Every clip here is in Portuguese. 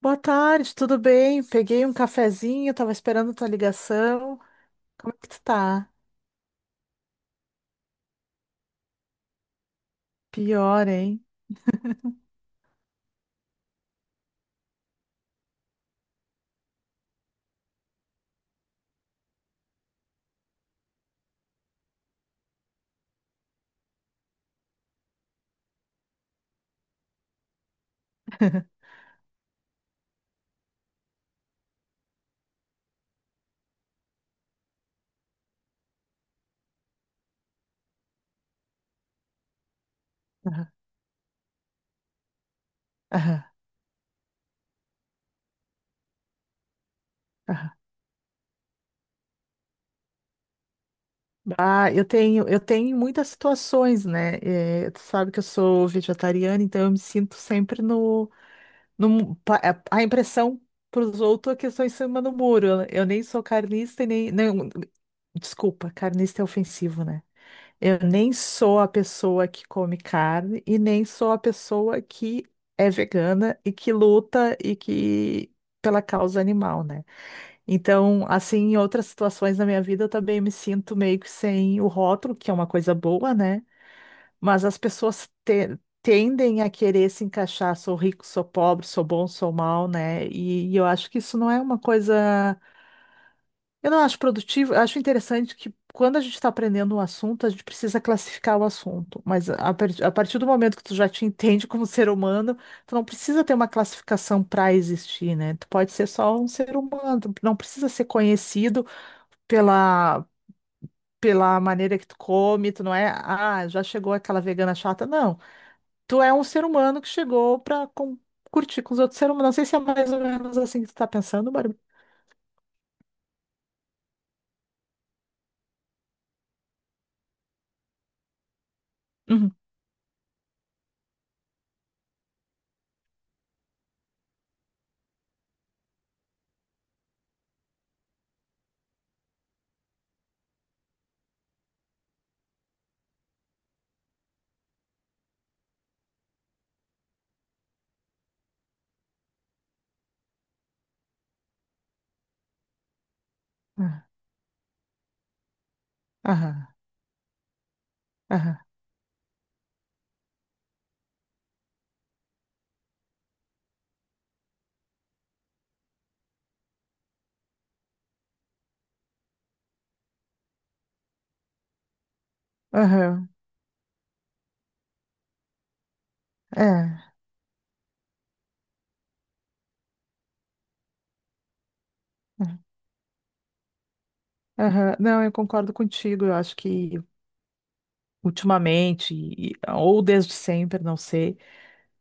Boa tarde, tudo bem? Peguei um cafezinho, tava esperando tua ligação. Como é que tu tá? Pior, hein? Aham, aham, aham. Ah, eu tenho muitas situações, né? Tu sabe que eu sou vegetariana, então eu me sinto sempre no, no mu- pa- a impressão para os outros é que eu estou em cima do muro. Eu nem sou carnista e nem. Desculpa, carnista é ofensivo, né? Eu nem sou a pessoa que come carne e nem sou a pessoa que é vegana e que luta e que pela causa animal, né? Então, assim, em outras situações da minha vida, eu também me sinto meio que sem o rótulo, que é uma coisa boa, né? Mas as pessoas tendem a querer se encaixar, sou rico, sou pobre, sou bom, sou mal, né? E eu acho que isso não é uma coisa. Eu não acho produtivo, eu acho interessante que quando a gente está aprendendo um assunto, a gente precisa classificar o assunto. Mas a partir do momento que tu já te entende como ser humano, tu não precisa ter uma classificação para existir, né? Tu pode ser só um ser humano, tu não precisa ser conhecido pela, pela maneira que tu come, tu não é, ah, já chegou aquela vegana chata, não tu é um ser humano que chegou pra curtir com os outros seres humanos. Não sei se é mais ou menos assim que tu tá pensando, Bárbara. Uhum. Ah, aham, aham, aham, é, é, aham. Não, eu concordo contigo. Eu acho que ultimamente, ou desde sempre, não sei,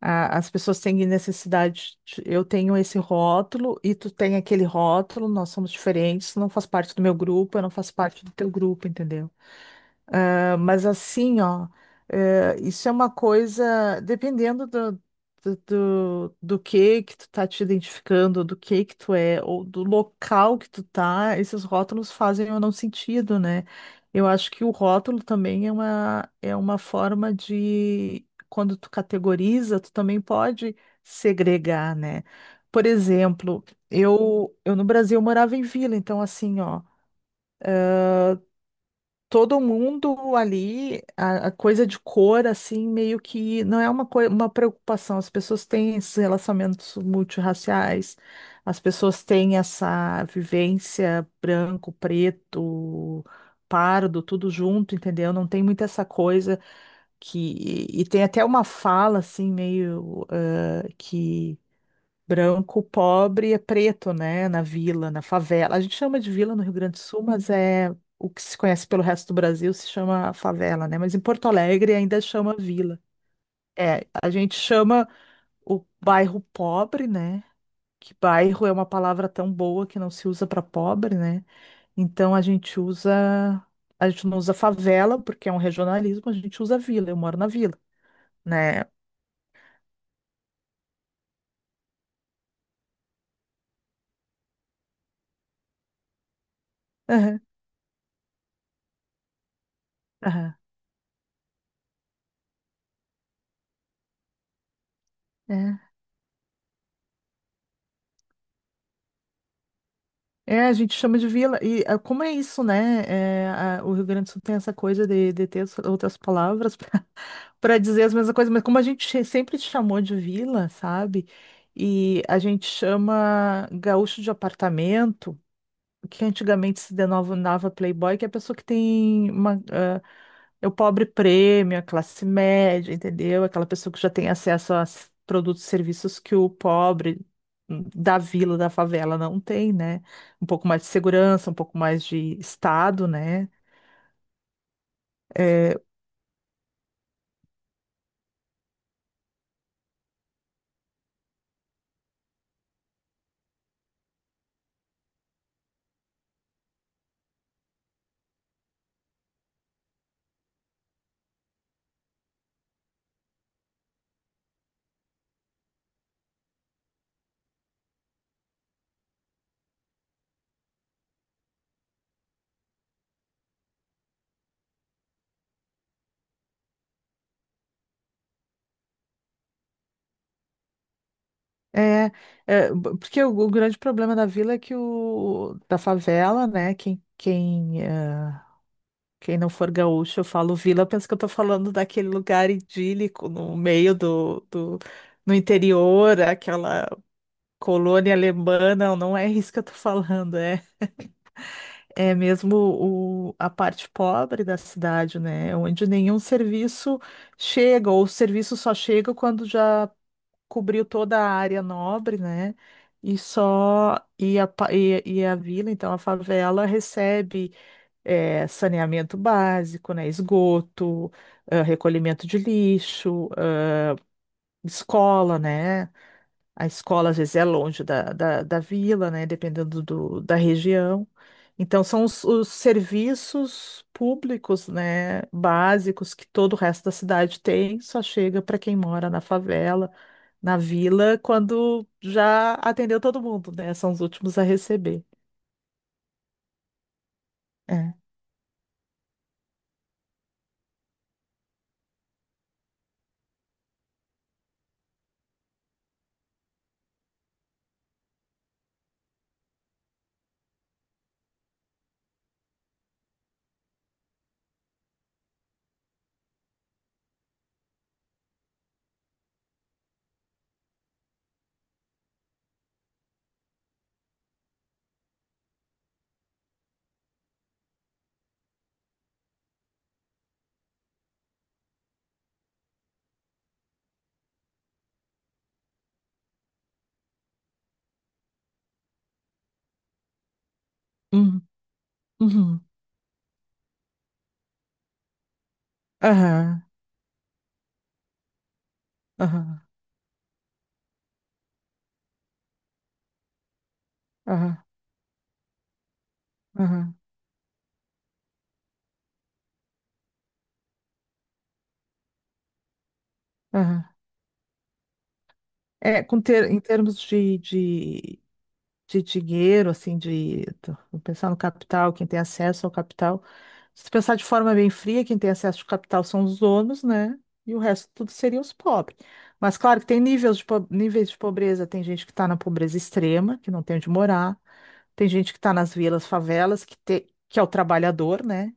as pessoas têm necessidade. Eu tenho esse rótulo e tu tem aquele rótulo, nós somos diferentes, tu não faz parte do meu grupo, eu não faço parte do teu grupo, entendeu? Ah, mas assim, ó, isso é uma coisa, dependendo do que tu tá te identificando, do que tu é, ou do local que tu tá, esses rótulos fazem ou não sentido, né? Eu acho que o rótulo também é é uma forma de, quando tu categoriza, tu também pode segregar, né? Por exemplo, eu no Brasil morava em vila, então assim, ó, todo mundo ali, a coisa de cor, assim, meio que não é uma preocupação. As pessoas têm esses relacionamentos multirraciais, as pessoas têm essa vivência branco, preto, pardo, tudo junto, entendeu? Não tem muito essa coisa que. E tem até uma fala, assim, meio que. Branco, pobre é preto, né? Na vila, na favela. A gente chama de vila no Rio Grande do Sul, mas é o que se conhece pelo resto do Brasil se chama favela, né? Mas em Porto Alegre ainda chama vila. É, a gente chama o bairro pobre, né? Que bairro é uma palavra tão boa que não se usa para pobre, né? Então a gente não usa favela porque é um regionalismo, a gente usa vila. Eu moro na vila, né? Aham, aham. É. É, a gente chama de vila. E ah, como é isso, né? É, o Rio Grande do Sul tem essa coisa de ter outras palavras para dizer as mesmas coisas, mas como a gente sempre chamou de vila, sabe? E a gente chama gaúcho de apartamento que antigamente se denominava playboy, que é a pessoa que tem uma, ah, é o pobre prêmio, a classe média, entendeu? Aquela pessoa que já tem acesso a produtos e serviços que o pobre da vila, da favela não tem, né? Um pouco mais de segurança, um pouco mais de estado, né? É, é, é, porque o grande problema da vila é que o da favela, né? Quem não for gaúcho, eu falo vila, pensa que eu tô falando daquele lugar idílico no meio do, no interior, aquela colônia alemã. Não, não é isso que eu tô falando, é mesmo a parte pobre da cidade, né? Onde nenhum serviço chega, ou o serviço só chega quando já cobriu toda a área nobre, né? E só e a, pa- e a vila, então a favela recebe saneamento básico, né, esgoto, ah, recolhimento de lixo, ah, escola, né? A escola às vezes é longe da vila, né? Dependendo da região. Então, são os serviços públicos, né, básicos que todo o resto da cidade tem, só chega para quem mora na favela, na vila, quando já atendeu todo mundo, né? São os últimos a receber. É. Uhum. Uhum. Aham. Aham. Aham. Aham. Aham. É, com ter, em termos de dinheiro, assim, vou pensar no capital, quem tem acesso ao capital. Se tu pensar de forma bem fria, quem tem acesso ao capital são os donos, né? E o resto tudo seriam os pobres. Mas claro que tem níveis de pobreza, tem gente que está na pobreza extrema, que não tem onde morar, tem gente que está nas vilas, favelas, que é o trabalhador, né?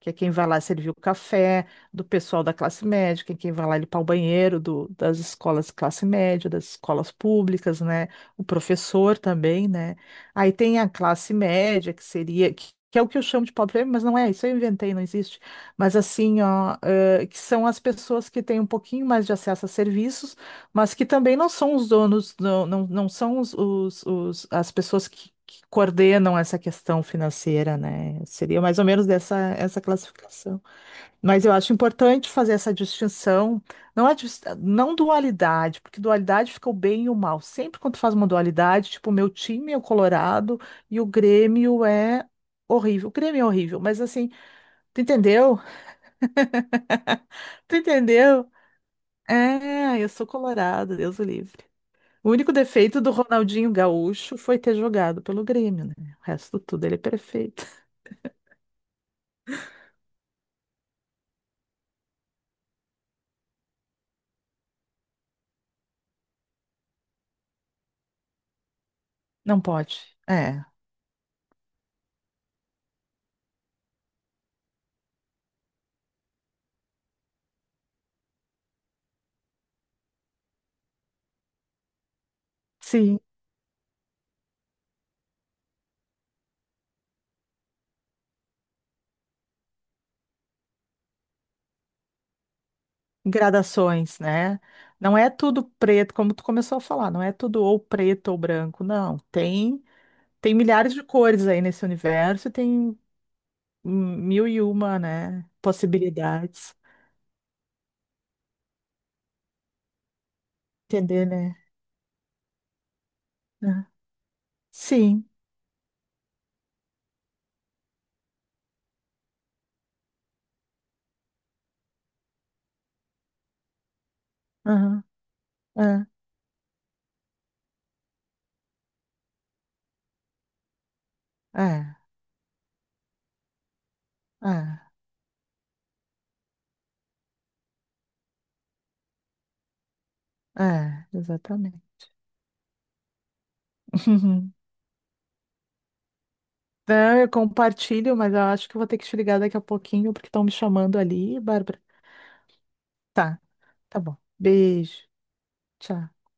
Que é quem vai lá servir o café do pessoal da classe média, que é quem vai lá limpar o banheiro das escolas de classe média, das escolas públicas, né? O professor também, né? Aí tem a classe média, que que é o que eu chamo de pobre, mas não é, isso eu inventei, não existe. Mas assim, ó, que são as pessoas que têm um pouquinho mais de acesso a serviços, mas que também não são os donos, não, não, não são os- as pessoas que coordenam essa questão financeira, né? Seria mais ou menos dessa essa classificação. Mas eu acho importante fazer essa distinção, não dualidade, porque dualidade fica o bem e o mal. Sempre quando tu faz uma dualidade, tipo, o meu time é o Colorado e o Grêmio é horrível. O Grêmio é horrível, mas assim, tu entendeu? Tu entendeu? É, eu sou colorado, Deus o livre. O único defeito do Ronaldinho Gaúcho foi ter jogado pelo Grêmio, né? O resto tudo ele é perfeito. Não pode. É. Sim, gradações, né? Não é tudo preto, como tu começou a falar, não é tudo ou preto ou branco, não. Tem milhares de cores aí nesse universo, e tem mil e uma, né, possibilidades. Entender, né? É. Sim. Aham. É, é, é, exatamente. Não, eu compartilho, mas eu acho que eu vou ter que te ligar daqui a pouquinho, porque estão me chamando ali, Bárbara. Tá, tá bom. Beijo. Tchau.